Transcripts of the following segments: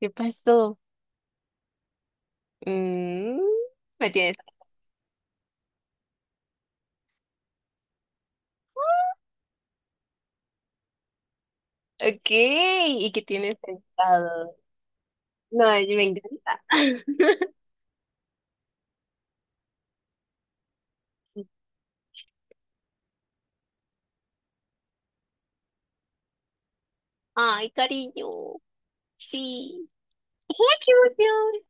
¿Qué pasó? Mm, me tienes. Ok, ¿y qué tienes pensado? No, me encanta. Ay, cariño. Sí. ¡Ay, qué emoción!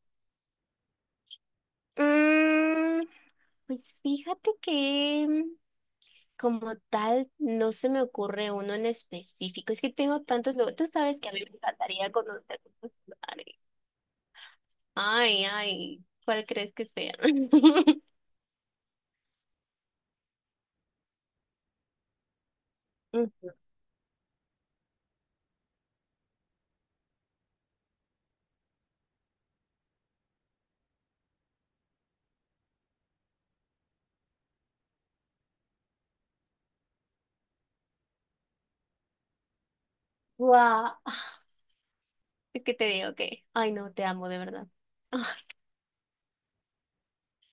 Mm, pues fíjate que como tal no se me ocurre uno en específico. Es que tengo tantos lugares. Tú sabes que a mí me encantaría conocer muchos lugares. Ay, ay, ¿cuál crees que sea? Guau. Es que te digo que, ay no, te amo de verdad. Ay,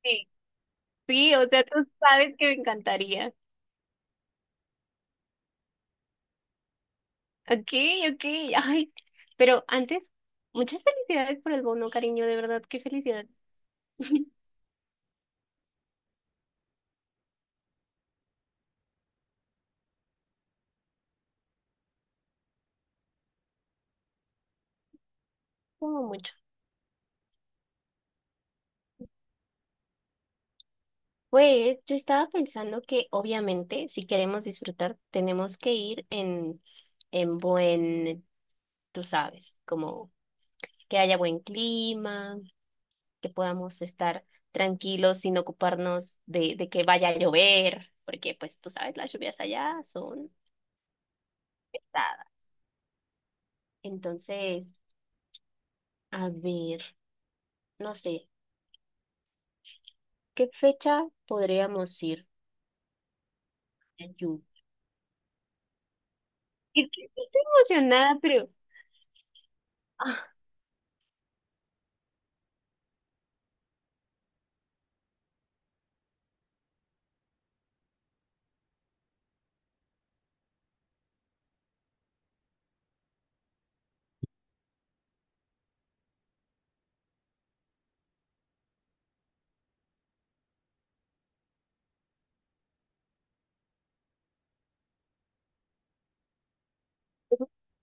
sí. Sí, o sea, tú sabes que me encantaría. Ok, ok, ay. Pero antes, muchas felicidades por el bono, cariño, de verdad, qué felicidad. Como mucho. Pues yo estaba pensando que obviamente si queremos disfrutar tenemos que ir en buen, tú sabes, como que haya buen clima, que podamos estar tranquilos sin ocuparnos de que vaya a llover, porque pues tú sabes, las lluvias allá son pesadas. Entonces, a ver, no sé, ¿qué fecha podríamos ir a Yu? Es que estoy emocionada, pero...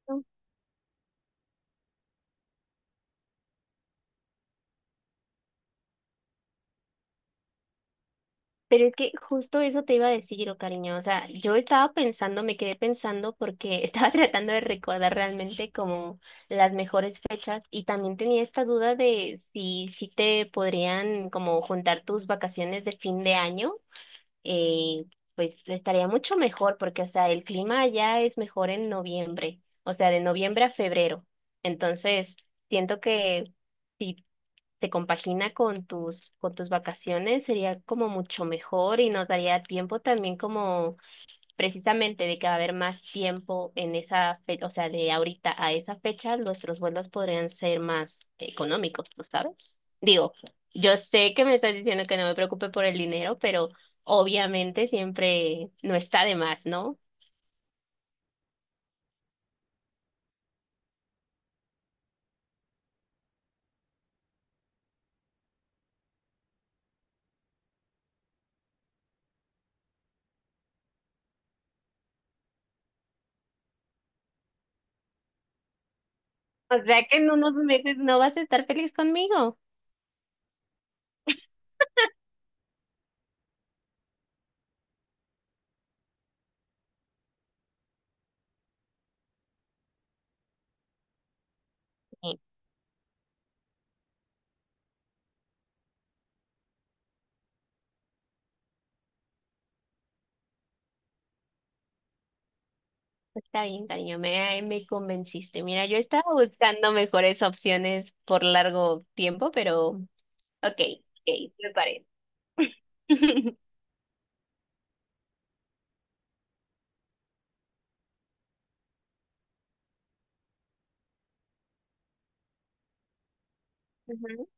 ah, pero es que justo eso te iba a decir, oh, cariño. O sea, yo estaba pensando, me quedé pensando porque estaba tratando de recordar realmente como las mejores fechas y también tenía esta duda de si te podrían como juntar tus vacaciones de fin de año. Eh, pues estaría mucho mejor porque, o sea, el clima allá es mejor en noviembre, o sea, de noviembre a febrero. Entonces, siento que... si se compagina con tus vacaciones, sería como mucho mejor y nos daría tiempo también como precisamente de que va a haber más tiempo en esa fecha, o sea, de ahorita a esa fecha, nuestros vuelos podrían ser más económicos, ¿tú sabes? Digo, yo sé que me estás diciendo que no me preocupe por el dinero, pero obviamente siempre no está de más, ¿no? O sea que en unos meses no vas a estar feliz conmigo. Pues, está bien, cariño, me convenciste. Mira, yo estaba buscando mejores opciones por largo tiempo, pero ok, ok, me parece. Ujú.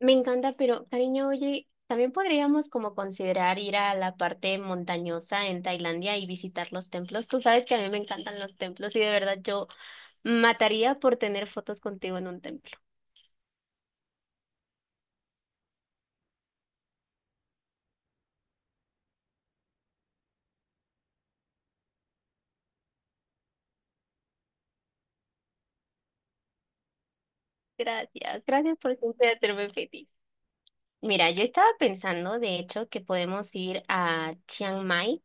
Me encanta, pero cariño, oye, también podríamos como considerar ir a la parte montañosa en Tailandia y visitar los templos. Tú sabes que a mí me encantan los templos y de verdad yo mataría por tener fotos contigo en un templo. Gracias, gracias por siempre hacerme feliz. Mira, yo estaba pensando, de hecho, que podemos ir a Chiang Mai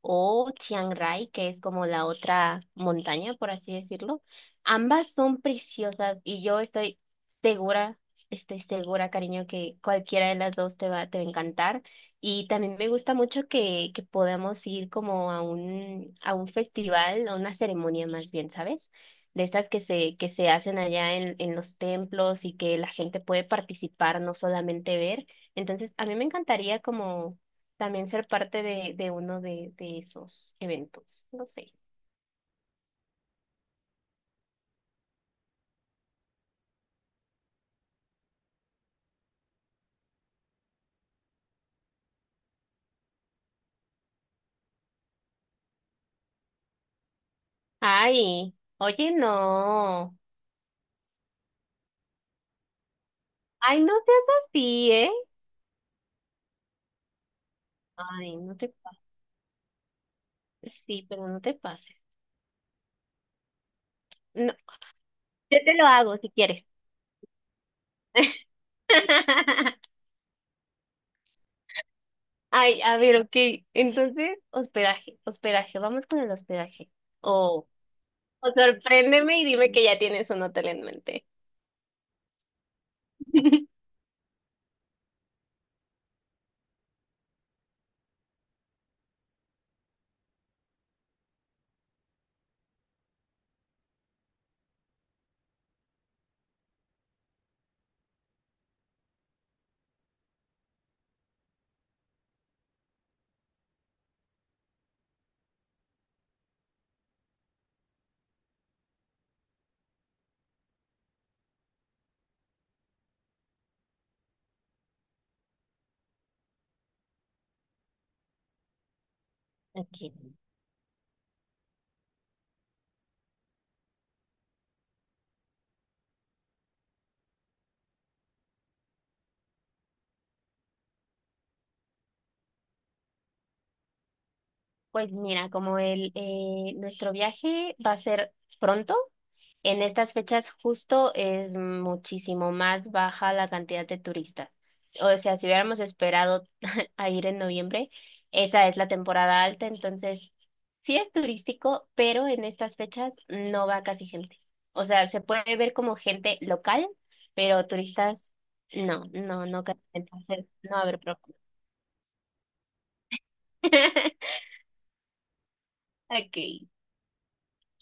o Chiang Rai, que es como la otra montaña, por así decirlo. Ambas son preciosas y yo segura, estoy segura, cariño, que cualquiera de las dos te va a encantar. Y también me gusta mucho que podamos ir como a un festival, a una ceremonia más bien, ¿sabes? De estas que se hacen allá en los templos y que la gente puede participar, no solamente ver. Entonces, a mí me encantaría como también ser parte de uno de esos eventos. No sé. Ay, oye, no. Ay, no seas así, ¿eh? Ay, no te pases. Sí, pero no te pases. No, yo te lo hago si quieres. Ay, a ver, ok. Entonces, hospedaje, hospedaje, vamos con el hospedaje. O, o sorpréndeme y dime que ya tienes un hotel en mente. Ok. Pues mira, como el nuestro viaje va a ser pronto, en estas fechas justo es muchísimo más baja la cantidad de turistas. O sea, si hubiéramos esperado a ir en noviembre, esa es la temporada alta, entonces sí es turístico, pero en estas fechas no va casi gente. O sea, se puede ver como gente local, pero turistas no, no, no casi, entonces no va a haber problema. Ok.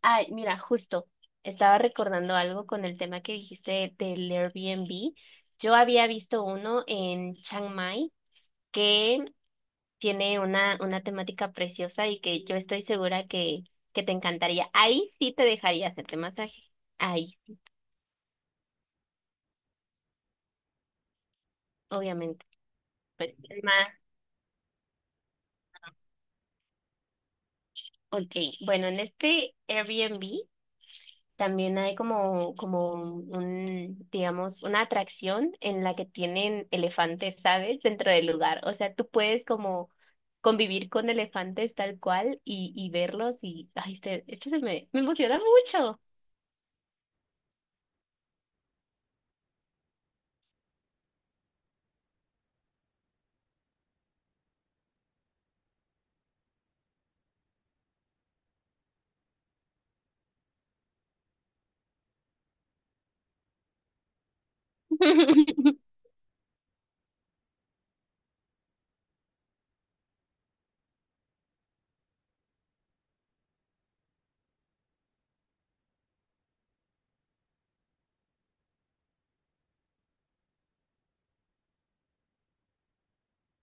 Ay, mira, justo, estaba recordando algo con el tema que dijiste del Airbnb. Yo había visto uno en Chiang Mai que tiene una temática preciosa y que yo estoy segura que te encantaría. Ahí sí te dejaría hacerte masaje. Ahí, obviamente. Pero es más, ok. Bueno, en este Airbnb también hay como, como un, digamos, una atracción en la que tienen elefantes, ¿sabes? Dentro del lugar. O sea, tú puedes como convivir con elefantes tal cual y verlos y, ay, esto se me emociona mucho.